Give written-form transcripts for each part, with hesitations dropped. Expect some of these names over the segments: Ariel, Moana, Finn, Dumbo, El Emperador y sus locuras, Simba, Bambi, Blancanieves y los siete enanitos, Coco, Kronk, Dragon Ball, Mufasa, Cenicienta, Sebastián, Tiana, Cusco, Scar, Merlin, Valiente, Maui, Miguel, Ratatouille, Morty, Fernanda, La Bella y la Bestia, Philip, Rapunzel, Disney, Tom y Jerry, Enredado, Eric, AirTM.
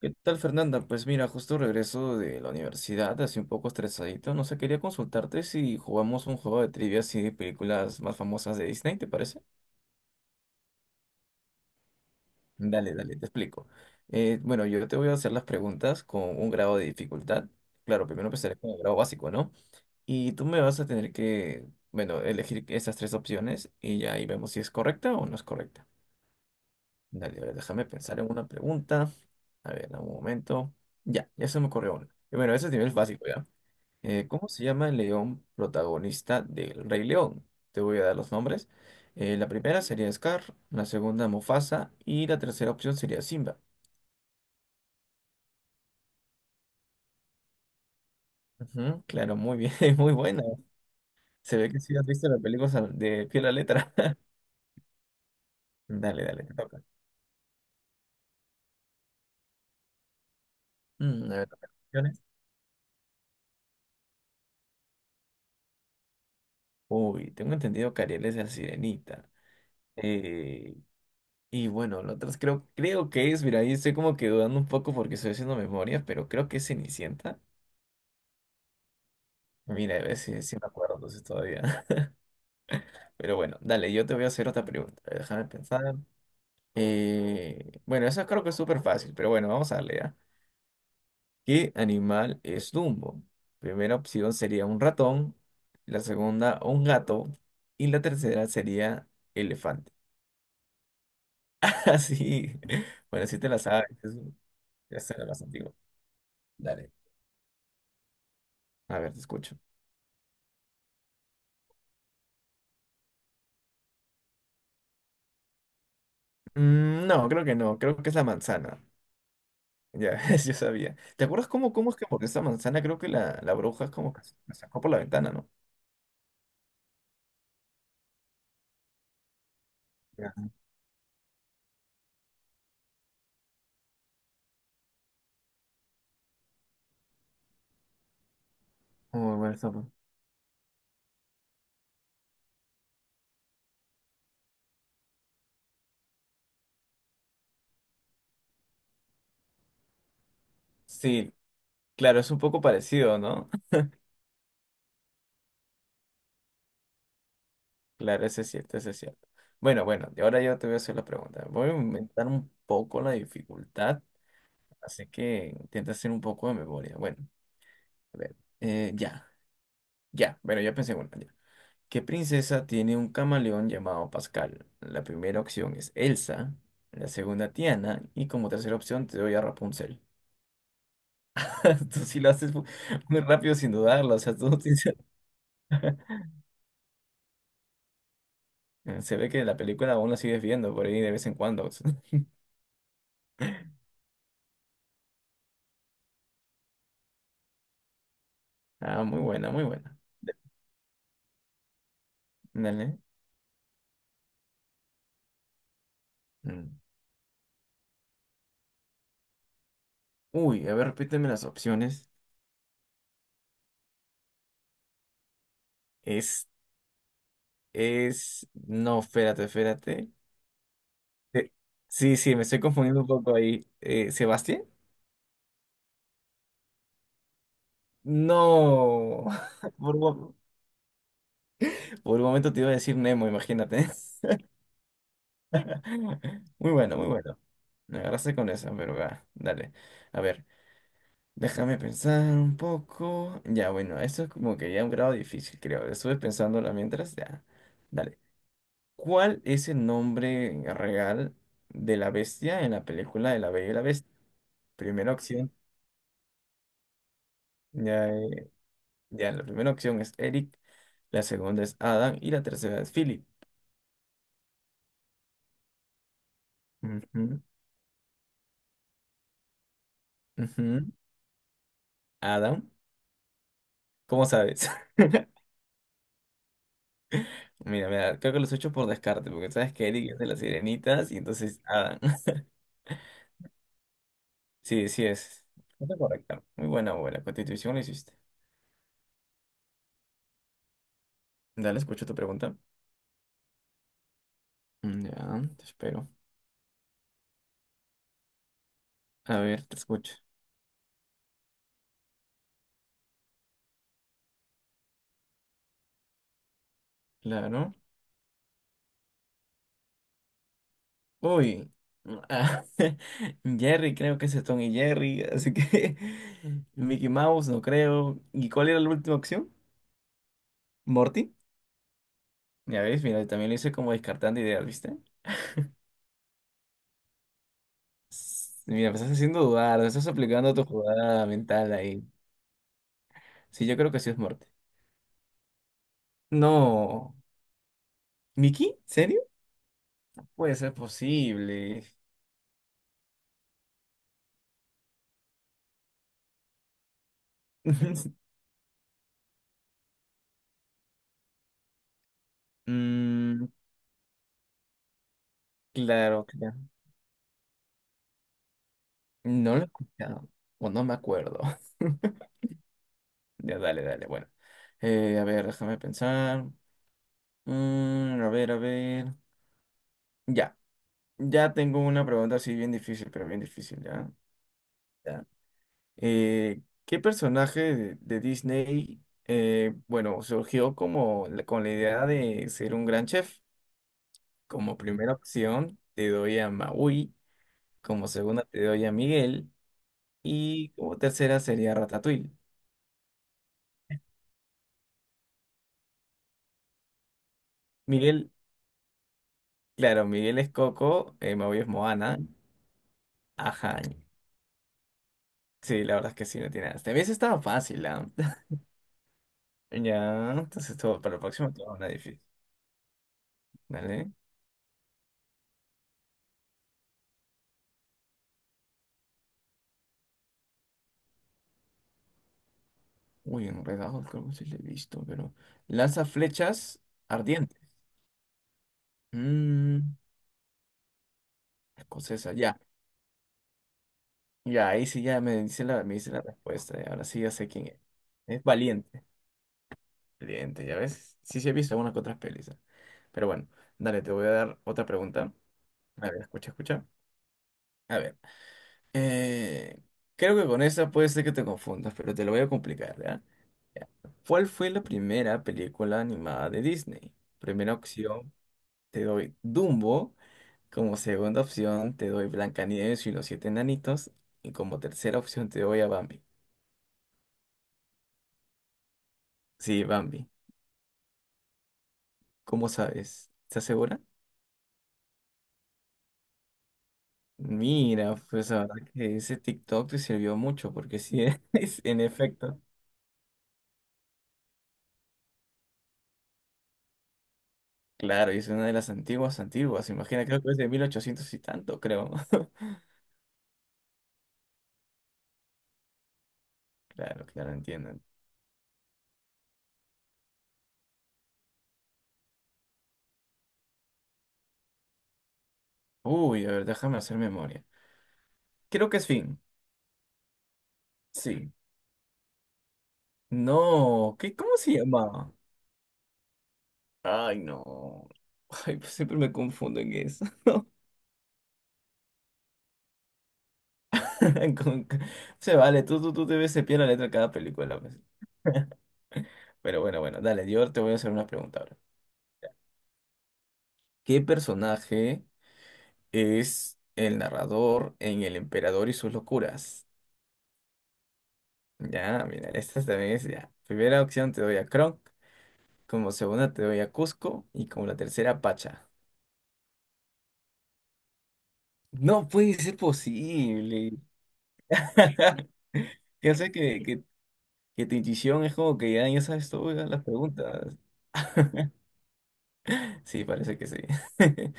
¿Qué tal, Fernanda? Pues mira, justo regreso de la universidad, así un poco estresadito. No sé, quería consultarte si jugamos un juego de trivia así de películas más famosas de Disney, ¿te parece? Dale, dale, te explico. Bueno, yo te voy a hacer las preguntas con un grado de dificultad. Claro, primero empezaré con el grado básico, ¿no? Y tú me vas a tener que, bueno, elegir esas tres opciones y ya ahí vemos si es correcta o no es correcta. Dale, a ver, déjame pensar en una pregunta. A ver, dame un momento. Ya, ya se me ocurrió una. Y bueno, ese es nivel básico, ¿ya? ¿Cómo se llama el león protagonista del Rey León? Te voy a dar los nombres. La primera sería Scar, la segunda Mufasa y la tercera opción sería Simba. Ujú, claro, muy bien, muy buena. Se ve que sí has visto las películas de pie a la letra. Dale, dale, te toca. Mm, a ver, toca opciones. Uy, tengo entendido que Ariel es la sirenita. Eh, y bueno, lo otra creo que es, mira, ahí estoy como que dudando un poco porque estoy haciendo memoria, pero creo que es Cenicienta. Mira, a ver si, me acuerdo entonces todavía. Pero bueno, dale, yo te voy a hacer otra pregunta. Déjame pensar. Bueno, Eso creo que es súper fácil, pero bueno, vamos a darle ya. ¿Qué animal es Dumbo? Primera opción sería un ratón, la segunda un gato y la tercera sería elefante. Así, bueno, si te la sabes, es la más antigua. Dale. A ver, te escucho. Mm, no, creo que no, creo que es la manzana. Ya, yo sabía. ¿Te acuerdas cómo es que porque esa manzana creo que la bruja es como que se la sacó por la ventana, ¿no? Muy buen sapo. Sí, claro, es un poco parecido, ¿no? Claro, ese es cierto, ese es cierto. Bueno, bueno, y ahora yo te voy a hacer la pregunta. Voy a aumentar un poco la dificultad, así que intenta hacer un poco de memoria. Bueno, a ver, ya, bueno, ya pensé en una. Ya. ¿Qué princesa tiene un camaleón llamado Pascal? La primera opción es Elsa, la segunda Tiana, y como tercera opción te doy a Rapunzel. Tú sí lo haces muy rápido sin dudarlo, o sea, tú. Se ve que la película aún la sigues viendo por ahí de vez en cuando. Ah, muy buena, muy buena. Dale. Mm. Uy, a ver, repíteme las opciones. Es, es, no, espérate, espérate. Eh, Sí, sí, me estoy confundiendo un poco ahí. ¿Sebastián? No. Por un, por un momento te iba a decir Nemo, imagínate. Muy bueno, muy bueno. Me agarraste con esa, pero va, dale. A ver. Déjame pensar un poco. Ya, bueno, esto es como que ya un grado difícil, creo. Estuve pensándola mientras, ya. Dale. ¿Cuál es el nombre real de la bestia en la película de La Bella y la Bestia? Primera opción, ya, eh, ya, la primera opción es Eric, la segunda es Adam y la tercera es Philip. Ujú, ujú. Adam, ¿cómo sabes? Mira, mira, creo que los he hecho por descarte, porque sabes que Eric es de las sirenitas y entonces Adam. Sí, sí es. Está correcta. Muy buena, buena. Constitución la hiciste. Dale, escucho tu pregunta. Mm, ya, te espero. A ver, te escucho. Claro. Uy. Ah, Jerry, creo que ese es Tom y Jerry, así que Mickey Mouse, no creo. ¿Y cuál era la última opción? ¿Morty? Ya ves, mira, también lo hice como descartando ideas, ¿viste? Mira, me estás haciendo dudar, me estás aplicando tu jugada mental ahí. Sí, yo creo que sí es Morty. No. ¿Mickey? ¿Serio? Puede ser posible. Mm, claro, claro. No lo he escuchado. O no me acuerdo. Ya, dale, dale. Bueno. A ver, déjame pensar. Mm, a ver, a ver. Ya. Ya tengo una pregunta así bien difícil, pero bien difícil, ¿ya? Ya. ¿Qué personaje de Disney, bueno, surgió como con la idea de ser un gran chef? Como primera opción, te doy a Maui. Como segunda, te doy a Miguel. Y como tercera sería Ratatouille. Miguel, claro, Miguel es Coco, Maui es Moana. Ajá. Sí, la verdad es que sí, no tiene nada. También eso estaba fácil, ¿ah? Ya, entonces todo, para el próximo te hago una difícil. Dale. Uy, enredado, creo que sí le he visto, pero. Lanza flechas ardientes. Mmm, escocesa, ya. Ya, ahí sí ya me dice me dice la respuesta. Ya, ahora sí ya sé quién es. Es valiente. Valiente, ya ves. Sí, sí he visto algunas que otras pelis, ¿ah? Pero bueno, dale, te voy a dar otra pregunta. A ver, escucha, escucha. A ver. eh, Creo que con esa puede ser que te confundas, pero te lo voy a complicar, ¿ya? Ya. ¿Cuál fue la primera película animada de Disney? Primera opción, te doy Dumbo. Como segunda opción, te doy Blancanieves y los siete enanitos. Y como tercera opción, te doy a Bambi. Sí, Bambi. ¿Cómo sabes? ¿Estás segura? Mira, pues la verdad que ese TikTok te sirvió mucho, porque sí, es, en efecto. Claro, y es una de las antiguas, antiguas. Imagina, creo que es de 1800 y tanto, creo. Claro, claro, entienden. Uy, a ver, déjame hacer memoria. Creo que es Finn. Sí. No, ¿qué, cómo se llamaba? Ay, no. Ay, pues siempre me confundo en eso. Con- Se vale, tú debes cepillar la letra de cada película, pues. Pero bueno, bueno, dale, yo te voy a hacer una pregunta ahora. ¿Qué personaje es el narrador en El Emperador y sus locuras? Ya, mira, esta también es ya. Primera opción te doy a Kronk, como segunda te doy a Cusco y como la tercera Pacha. No puede ser posible. Ya sé que tu intuición es como que ya, ya sabes todas las preguntas. Sí, parece que sí.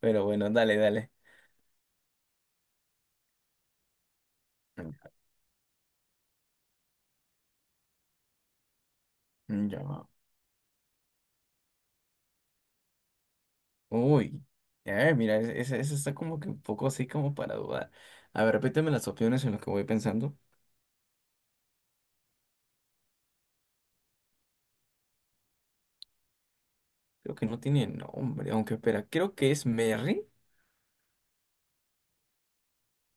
Pero bueno, dale, dale. Mm, ya va. Uy. A ver, mira, esa está como que un poco así como para dudar. A ver, repíteme las opciones en las que voy pensando. Creo que no tiene nombre, aunque espera, creo que es Merry.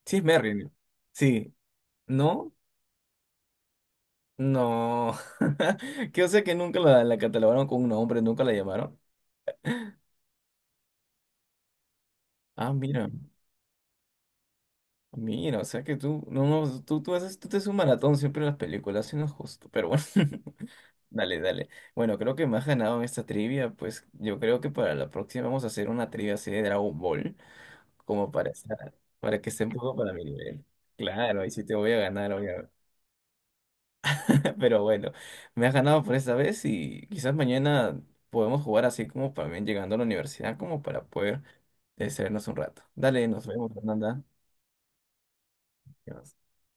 Sí, es Merlin. Sí. ¿No? No. Que o sea que nunca la catalogaron con un nombre, nunca la llamaron. Ah, mira. Mira, o sea que tú, no, no, tú haces, tú te haces un maratón siempre en las películas, eso no es justo, pero bueno. Dale, dale. Bueno, creo que me has ganado en esta trivia, pues yo creo que para la próxima vamos a hacer una trivia así de Dragon Ball, como para para que esté un poco para mi nivel. Claro, y si te voy a ganar, obviamente. Pero bueno, me has ganado por esta vez y quizás mañana podemos jugar así como también llegando a la universidad, como para poder distraernos un rato. Dale, nos vemos, Fernanda. Ya.